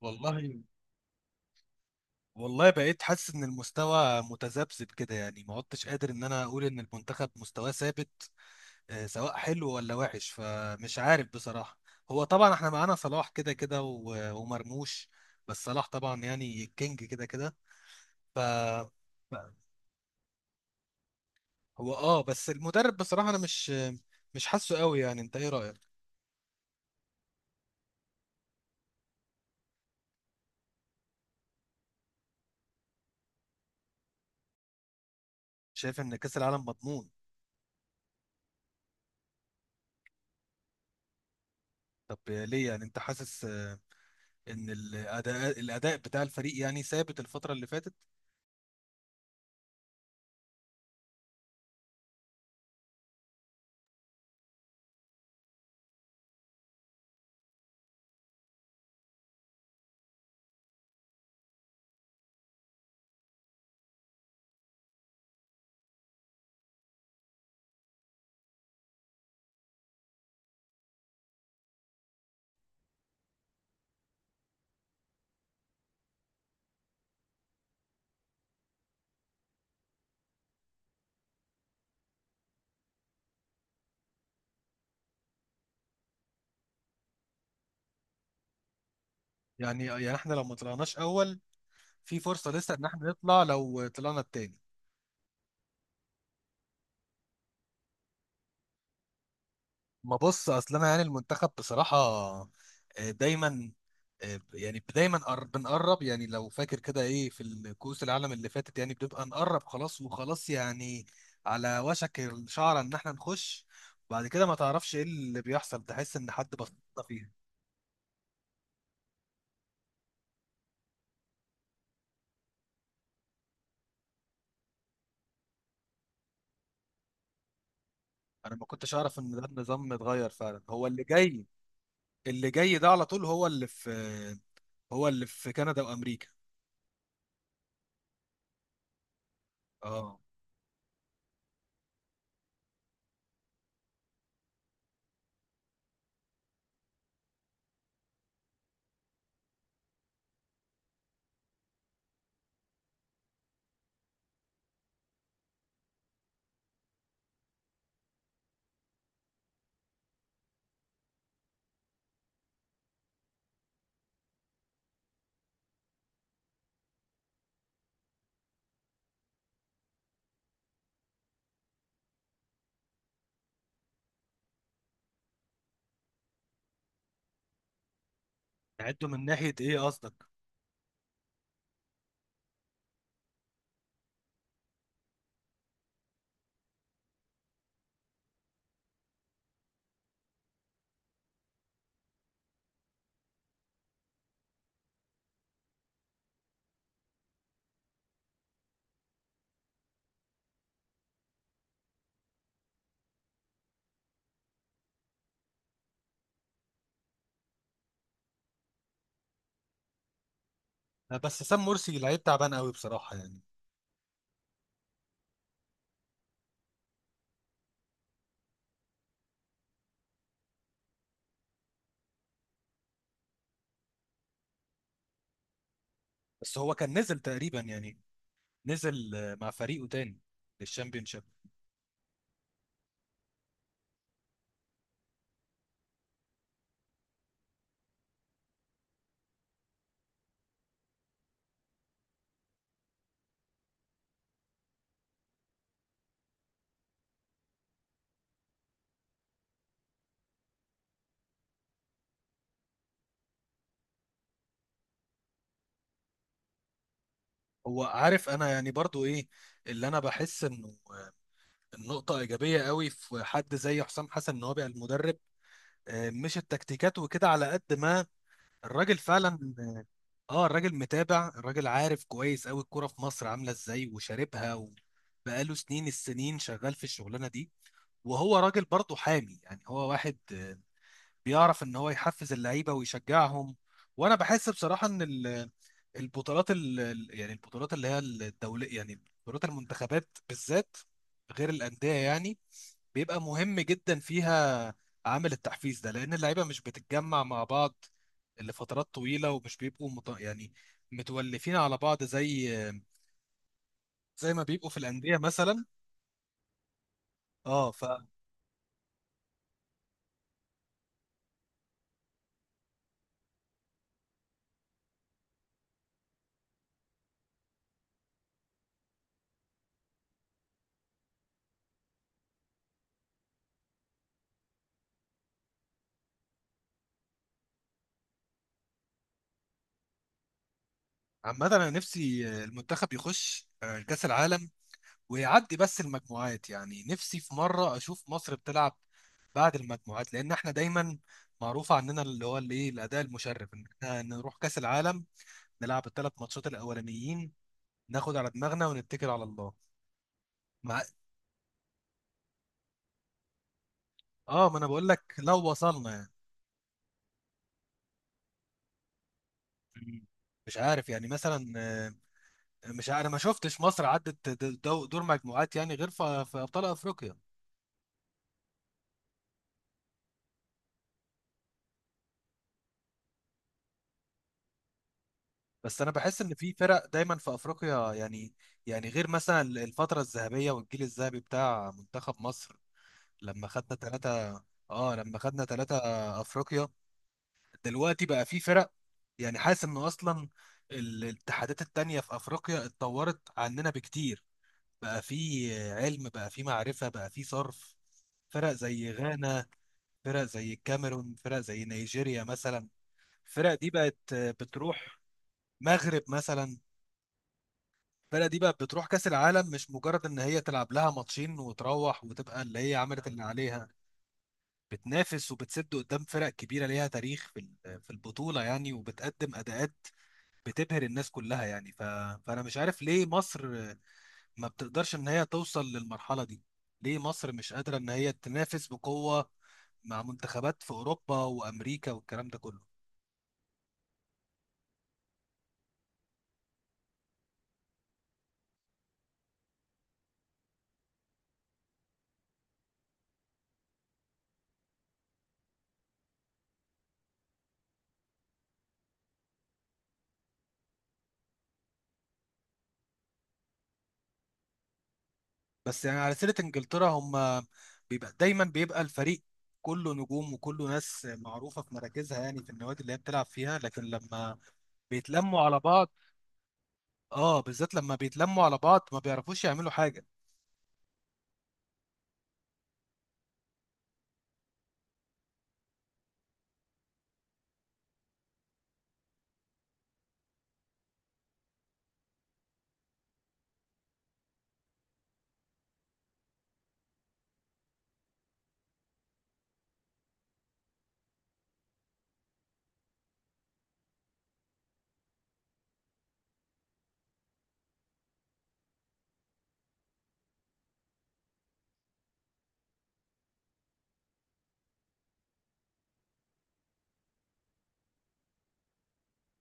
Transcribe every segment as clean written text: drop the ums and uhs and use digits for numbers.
والله والله بقيت حاسس ان المستوى متذبذب كده، يعني ما عدتش قادر ان انا اقول ان المنتخب مستواه ثابت. سواء حلو ولا وحش، فمش عارف بصراحة. هو طبعا احنا معانا صلاح كده كده ومرموش. بس صلاح طبعا يعني الكينج كده كده. ف ف- هو بس المدرب بصراحة انا مش حاسه قوي، يعني انت ايه رأيك؟ شايف ان كأس العالم مضمون؟ طب ليه، يعني انت حاسس ان الاداء بتاع الفريق يعني ثابت الفترة اللي فاتت؟ يعني احنا لو ما طلعناش اول، في فرصه لسه ان احنا نطلع لو طلعنا التاني؟ ما بص، اصل انا يعني المنتخب بصراحه دايما يعني دايما بنقرب، يعني لو فاكر كده ايه، في الكؤوس العالم اللي فاتت يعني بنبقى نقرب خلاص وخلاص، يعني على وشك الشعره ان احنا نخش. بعد كده ما تعرفش ايه اللي بيحصل، تحس ان حد بسطنا فيها. انا ما كنتش اعرف ان ده النظام اتغير فعلا هو اللي جاي. اللي جاي ده على طول، هو اللي في كندا وامريكا. اه. نعده من ناحية ايه قصدك؟ بس سام مرسي لعيب تعبان قوي بصراحة يعني. بس هو كان نزل تقريبا يعني، نزل مع فريقه تاني للشامبيونشيب. هو عارف انا يعني، برضو ايه اللي انا بحس انه؟ النقطة ايجابية قوي في حد زي حسام حسن ان هو بقى المدرب. مش التكتيكات وكده على قد ما الراجل فعلا. اه الراجل متابع، الراجل عارف كويس قوي الكرة في مصر عاملة ازاي وشاربها بقاله سنين شغال في الشغلانة دي. وهو راجل برضه حامي، يعني هو واحد بيعرف ان هو يحفز اللعيبه ويشجعهم. وانا بحس بصراحه ان البطولات يعني البطولات اللي هي الدوليه، يعني بطولات المنتخبات بالذات غير الانديه، يعني بيبقى مهم جدا فيها عامل التحفيز ده، لان اللعيبه مش بتتجمع مع بعض لفترات طويله، ومش بيبقوا يعني متولفين على بعض زي ما بيبقوا في الانديه مثلا. اه. عامة أنا نفسي المنتخب يخش كأس العالم ويعدي بس المجموعات، يعني نفسي في مرة أشوف مصر بتلعب بعد المجموعات، لأن إحنا دايما معروف عننا اللي هو اللي إيه الأداء المشرف، إن إحنا نروح كأس العالم نلعب الثلاث ماتشات الأولانيين، ناخد على دماغنا ونتكل على الله. مع آه، ما أنا بقول لك لو وصلنا يعني. مم. مش عارف يعني مثلا، مش عارف، أنا ما شفتش مصر عدت دور مجموعات يعني غير في أبطال أفريقيا. بس انا بحس ان في فرق دايما في افريقيا، يعني يعني غير مثلا الفتره الذهبيه والجيل الذهبي بتاع منتخب مصر لما خدنا ثلاثه. اه لما خدنا ثلاثه افريقيا. دلوقتي بقى في فرق، يعني حاسس ان اصلا الاتحادات التانية في افريقيا اتطورت عننا بكتير. بقى في علم، بقى في معرفه، بقى في صرف. فرق زي غانا، فرق زي الكاميرون، فرق زي نيجيريا مثلا. الفرق دي بقت بتروح. مغرب مثلا. الفرقه دي بقى بتروح كاس العالم، مش مجرد ان هي تلعب لها ماتشين وتروح وتبقى اللي هي عملت اللي عليها. بتنافس وبتسد قدام فرق كبيره ليها تاريخ في في البطوله، يعني وبتقدم اداءات بتبهر الناس كلها يعني. فانا مش عارف ليه مصر ما بتقدرش ان هي توصل للمرحله دي. ليه مصر مش قادره ان هي تنافس بقوه مع منتخبات في اوروبا وامريكا والكلام ده كله؟ بس يعني على سيرة انجلترا، هم دايما بيبقى الفريق كله نجوم وكله ناس معروفة في مراكزها، يعني في النوادي اللي هي بتلعب فيها، لكن لما بيتلموا على بعض. اه بالذات لما بيتلموا على بعض ما بيعرفوش يعملوا حاجة.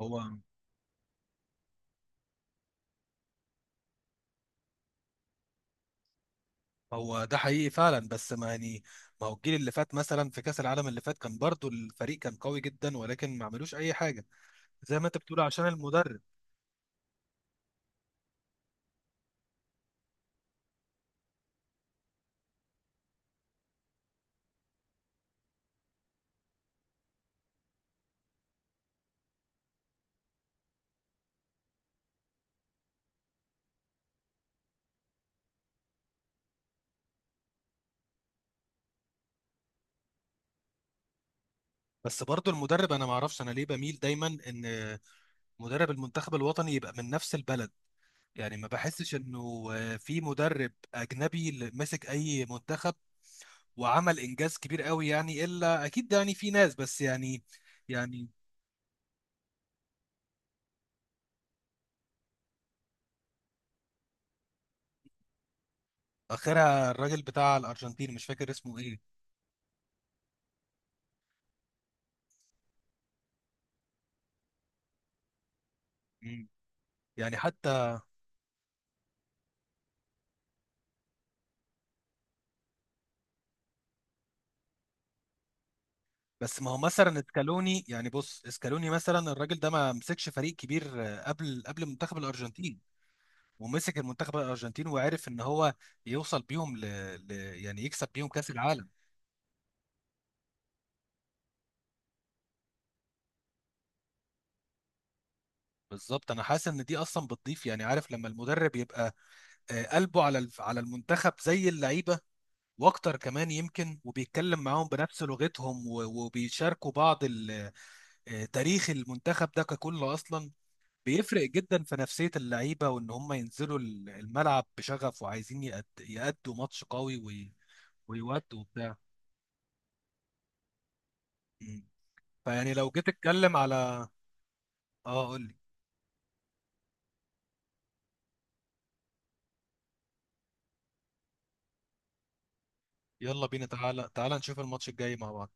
هو هو ده حقيقي فعلا، بس ما يعني، ما هو الجيل اللي فات مثلا في كأس العالم اللي فات كان برضو الفريق كان قوي جدا ولكن ما عملوش اي حاجة، زي ما انت بتقول عشان المدرب. بس برضو المدرب، انا ما اعرفش انا ليه بميل دايما ان مدرب المنتخب الوطني يبقى من نفس البلد، يعني ما بحسش انه في مدرب اجنبي اللي مسك اي منتخب وعمل انجاز كبير قوي، يعني الا اكيد يعني في ناس، بس يعني يعني اخرها الراجل بتاع الارجنتين، مش فاكر اسمه ايه. مم. يعني حتى، بس ما هو مثلا اسكالوني، يعني بص اسكالوني مثلا الراجل ده ما مسكش فريق كبير قبل منتخب الارجنتين، ومسك المنتخب الارجنتين وعرف ان هو يوصل بيهم ل... يعني يكسب بيهم كاس العالم. بالظبط، انا حاسس ان دي اصلا بتضيف، يعني عارف لما المدرب يبقى قلبه على على المنتخب زي اللعيبه، واكتر كمان يمكن، وبيتكلم معاهم بنفس لغتهم وبيشاركوا بعض تاريخ المنتخب ده ككل اصلا بيفرق جدا في نفسيه اللعيبه، وان هم ينزلوا الملعب بشغف وعايزين يأدوا ماتش قوي ويودوا وبتاع. مم. فيعني لو جيت اتكلم على، اه قول لي. يلا بينا، تعالى تعالى نشوف الماتش الجاي مع بعض.